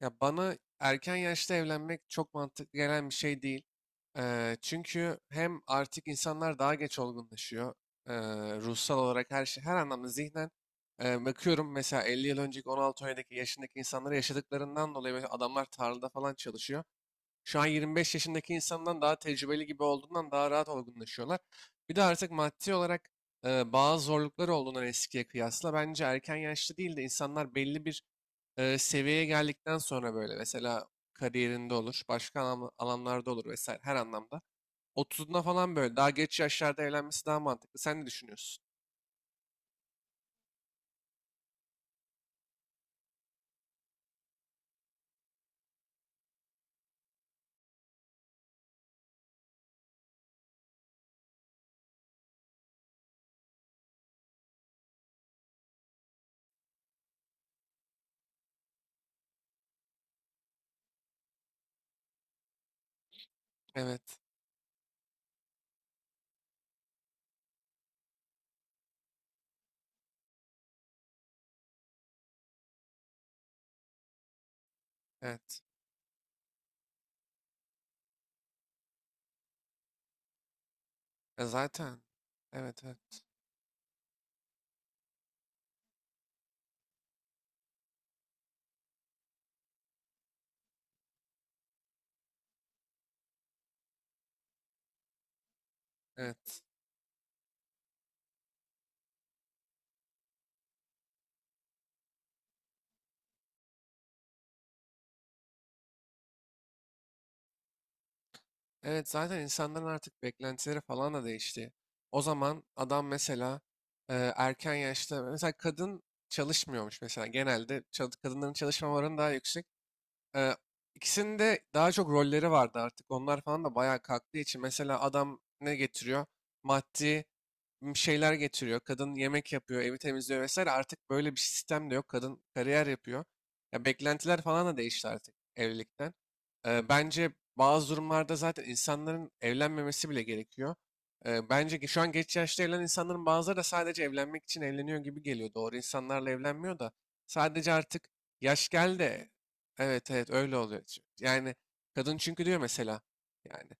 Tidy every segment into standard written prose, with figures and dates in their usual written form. Ya bana erken yaşta evlenmek çok mantıklı gelen bir şey değil. Çünkü hem artık insanlar daha geç olgunlaşıyor. Eee, ruhsal olarak her şey, her anlamda zihnen. Bakıyorum mesela 50 yıl önceki 16-17 yaşındaki insanları yaşadıklarından dolayı böyle adamlar tarlada falan çalışıyor. Şu an 25 yaşındaki insandan daha tecrübeli gibi olduğundan daha rahat olgunlaşıyorlar. Bir de artık maddi olarak bazı zorlukları olduğundan eskiye kıyasla bence erken yaşta değil de insanlar belli bir seviyeye geldikten sonra böyle mesela kariyerinde olur, başka alanlarda olur vesaire her anlamda. 30'una falan böyle daha geç yaşlarda evlenmesi daha mantıklı. Sen ne düşünüyorsun? Evet, evet. Zaten, evet, evet, evet. Evet, zaten insanların artık beklentileri falan da değişti. O zaman adam mesela erken yaşta, mesela kadın çalışmıyormuş mesela genelde. Kadınların çalışma oranı daha yüksek. Ee, ikisinin daha çok rolleri vardı artık. Onlar falan da bayağı kalktığı için mesela adam ne getiriyor? Maddi bir şeyler getiriyor. Kadın yemek yapıyor, evi temizliyor vesaire. Artık böyle bir sistem de yok. Kadın kariyer yapıyor. Ya, beklentiler falan da değişti artık evlilikten. Bence bazı durumlarda zaten insanların evlenmemesi bile gerekiyor. Bence ki şu an geç yaşta evlenen insanların bazıları da sadece evlenmek için evleniyor gibi geliyor. Doğru insanlarla evlenmiyor da sadece artık yaş geldi. Evet, evet, öyle oluyor. Yani kadın çünkü diyor mesela, yani.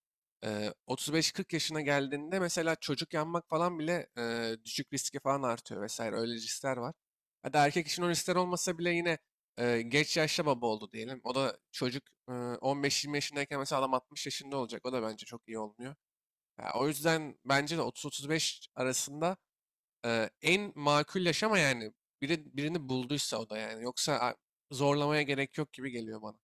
35-40 yaşına geldiğinde mesela çocuk yanmak falan bile düşük riski falan artıyor vesaire, öyle riskler var. Hadi erkek için o riskler olmasa bile yine geç yaşta baba oldu diyelim. O da çocuk eee, 15-20 yaşındayken mesela adam 60 yaşında olacak. O da bence çok iyi olmuyor. Ya, o yüzden bence de 30-35 arasında en makul yaşama, yani birini bulduysa o da, yani. Yoksa zorlamaya gerek yok gibi geliyor bana.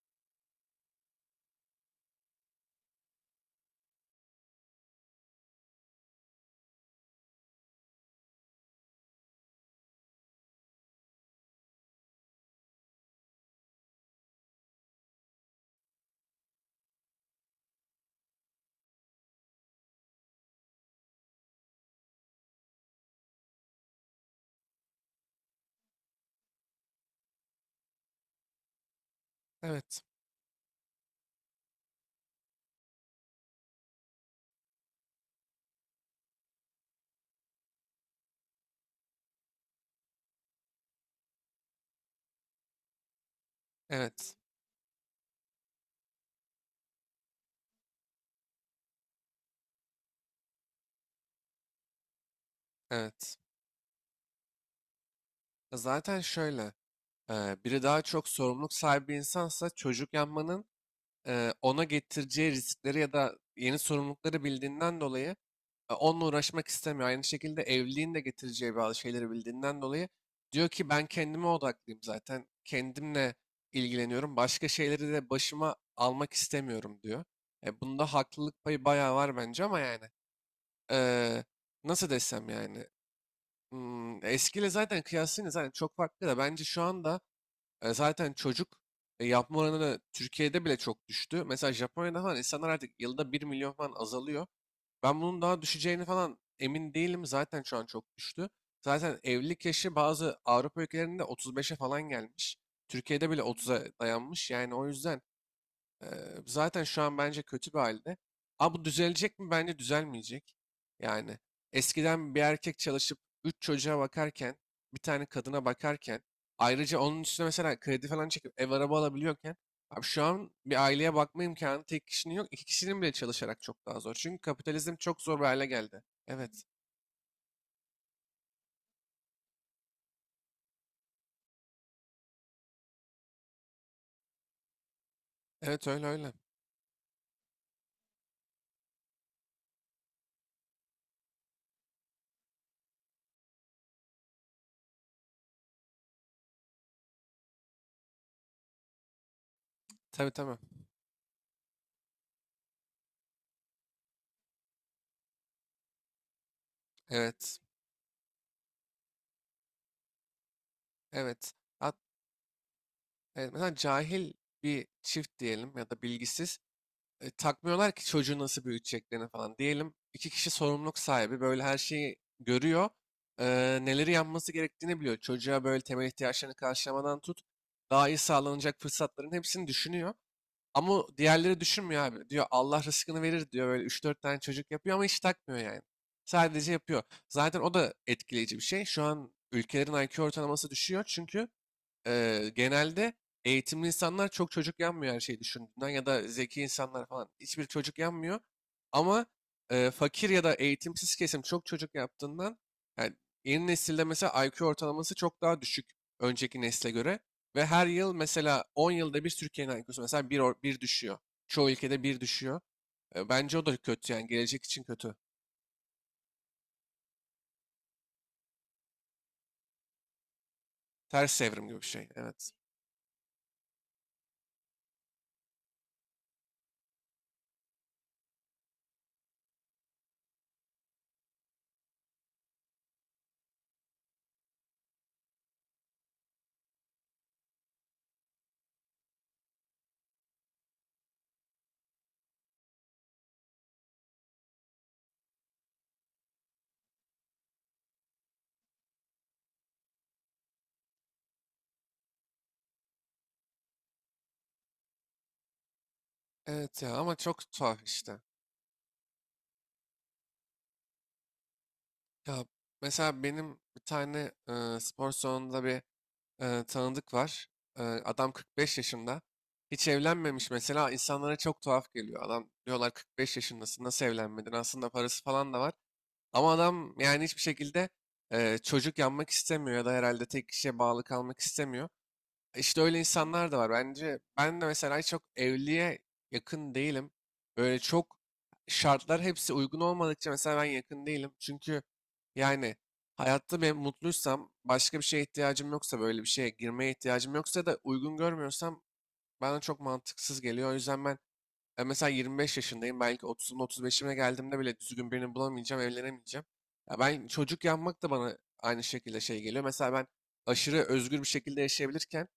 Evet, evet, evet. Zaten şöyle. Biri daha çok sorumluluk sahibi bir insansa çocuk yapmanın ona getireceği riskleri ya da yeni sorumlulukları bildiğinden dolayı onunla uğraşmak istemiyor. Aynı şekilde evliliğin de getireceği bazı şeyleri bildiğinden dolayı diyor ki ben kendime odaklıyım zaten. Kendimle ilgileniyorum. Başka şeyleri de başıma almak istemiyorum, diyor. Bunda haklılık payı bayağı var bence, ama yani eee, nasıl desem yani, eskiyle zaten kıyaslayınca zaten çok farklı da bence şu anda zaten çocuk yapma oranı da Türkiye'de bile çok düştü. Mesela Japonya'da falan insanlar artık yılda 1 milyon falan azalıyor. Ben bunun daha düşeceğini falan emin değilim. Zaten şu an çok düştü. Zaten evlilik yaşı bazı Avrupa ülkelerinde 35'e falan gelmiş. Türkiye'de bile 30'a dayanmış. Yani o yüzden ee, zaten şu an bence kötü bir halde. Ama bu düzelecek mi? Bence düzelmeyecek. Yani eskiden bir erkek çalışıp 3 çocuğa bakarken, bir tane kadına bakarken, ayrıca onun üstüne mesela kredi falan çekip ev araba alabiliyorken, abi şu an bir aileye bakma imkanı tek kişinin yok. İki kişinin bile çalışarak çok daha zor. Çünkü kapitalizm çok zor bir hale geldi. Evet. Evet, öyle öyle. Tabii, tabii. Evet. Evet. Hat- evet. Mesela cahil bir çift diyelim ya da bilgisiz. Takmıyorlar ki çocuğu nasıl büyüteceklerini falan. Diyelim iki kişi sorumluluk sahibi, böyle her şeyi görüyor. e, neleri yapması gerektiğini biliyor. Çocuğa böyle temel ihtiyaçlarını karşılamadan tut. Daha iyi sağlanacak fırsatların hepsini düşünüyor. Ama diğerleri düşünmüyor abi. Diyor Allah rızkını verir, diyor. Böyle üç dört tane çocuk yapıyor ama hiç takmıyor, yani. Sadece yapıyor. Zaten o da etkileyici bir şey. Şu an ülkelerin IQ ortalaması düşüyor çünkü genelde eğitimli insanlar çok çocuk yanmıyor, her şeyi düşündüğünden ya da zeki insanlar falan hiçbir çocuk yanmıyor. Ama fakir ya da eğitimsiz kesim çok çocuk yaptığından, yani yeni nesilde mesela IQ ortalaması çok daha düşük önceki nesle göre. Ve her yıl mesela 10 yılda bir Türkiye'nin IQ'su mesela bir düşüyor. Çoğu ülkede bir düşüyor. Bence o da kötü, yani gelecek için kötü. Ters evrim gibi bir şey. Evet. Evet ya, ama çok tuhaf işte. Ya mesela benim bir tane spor salonunda bir tanıdık var. Adam 45 yaşında. Hiç evlenmemiş mesela. İnsanlara çok tuhaf geliyor. Adam, diyorlar, 45 yaşındasın nasıl evlenmedin? Aslında parası falan da var. Ama adam yani hiçbir şekilde çocuk yapmak istemiyor ya da herhalde tek kişiye bağlı kalmak istemiyor. İşte öyle insanlar da var. Bence ben de mesela çok evliliğe yakın değilim. Böyle çok şartlar hepsi uygun olmadıkça mesela ben yakın değilim. Çünkü yani hayatta ben mutluysam, başka bir şeye ihtiyacım yoksa, böyle bir şeye girmeye ihtiyacım yoksa da uygun görmüyorsam bana çok mantıksız geliyor. O yüzden ben mesela 25 yaşındayım. Belki 30'umu 35'ime geldiğimde bile düzgün birini bulamayacağım, evlenemeyeceğim. Ya ben çocuk yapmak da bana aynı şekilde şey geliyor. Mesela ben aşırı özgür bir şekilde yaşayabilirken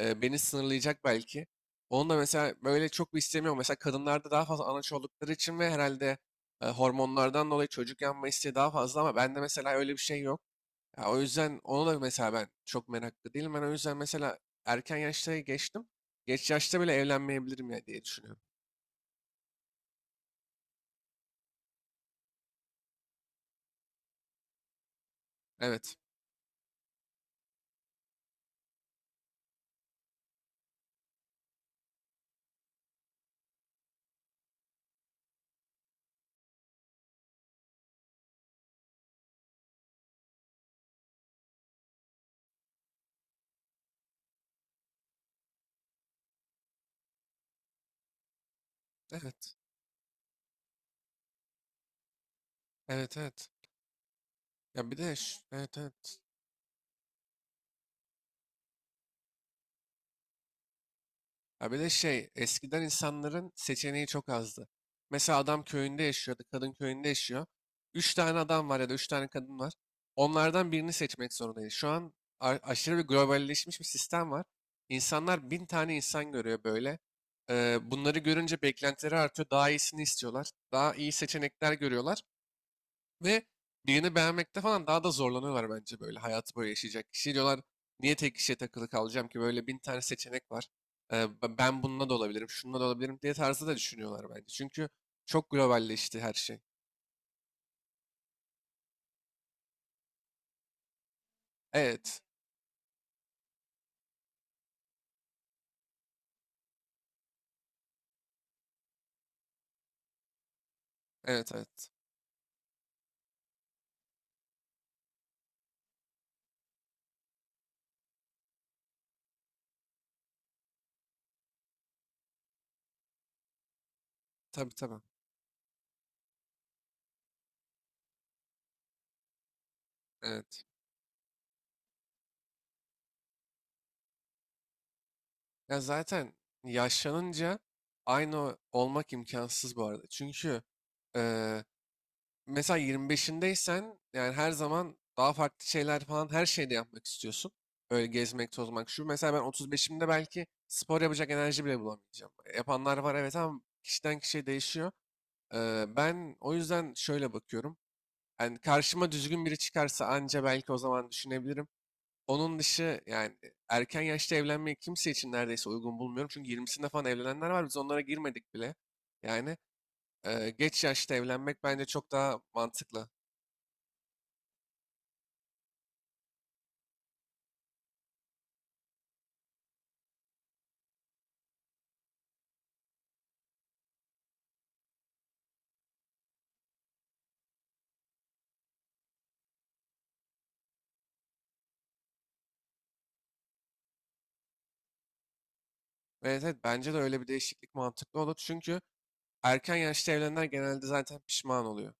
beni sınırlayacak belki. Onu da mesela böyle çok bir istemiyorum. Mesela kadınlarda daha fazla anaç oldukları için ve herhalde hormonlardan dolayı çocuk yapma isteği daha fazla, ama bende mesela öyle bir şey yok. Ya, o yüzden onu da mesela ben çok meraklı değilim. Ben o yüzden mesela erken yaşta geçtim. Geç yaşta bile evlenmeyebilirim ya diye düşünüyorum. Evet. Evet. Evet, evet. Ya bir de evet, evet. Ya bir de şey, eskiden insanların seçeneği çok azdı. Mesela adam köyünde yaşıyordu, kadın köyünde yaşıyor. Üç tane adam var ya da üç tane kadın var. Onlardan birini seçmek zorundayız. Şu an aşırı bir globalleşmiş bir sistem var. İnsanlar bin tane insan görüyor böyle. Bunları görünce beklentileri artıyor. Daha iyisini istiyorlar. Daha iyi seçenekler görüyorlar. Ve birini beğenmekte falan daha da zorlanıyorlar bence böyle. Hayatı böyle yaşayacak kişi diyorlar. Niye tek kişiye takılı kalacağım ki? Böyle bin tane seçenek var. Ben bununla da olabilirim, şununla da olabilirim diye tarzı da düşünüyorlar bence. Çünkü çok globalleşti her şey. Evet, evet, evet. Tabii, tabii. Evet. Ya, zaten yaşlanınca aynı olmak imkansız bu arada. Çünkü eee, mesela 25'indeysen yani her zaman daha farklı şeyler falan her şeyde yapmak istiyorsun. Öyle gezmek, tozmak. Şu mesela ben 35'imde belki spor yapacak enerji bile bulamayacağım. Yapanlar var evet, ama kişiden kişiye değişiyor. Ben o yüzden şöyle bakıyorum. Yani karşıma düzgün biri çıkarsa anca belki o zaman düşünebilirim. Onun dışı yani, erken yaşta evlenmeyi kimse için neredeyse uygun bulmuyorum. Çünkü 20'sinde falan evlenenler var. Biz onlara girmedik bile. Yani geç yaşta evlenmek bence çok daha mantıklı. Evet, evet, bence de öyle bir değişiklik mantıklı olur. Çünkü erken yaşta evlenenler genelde zaten pişman oluyor.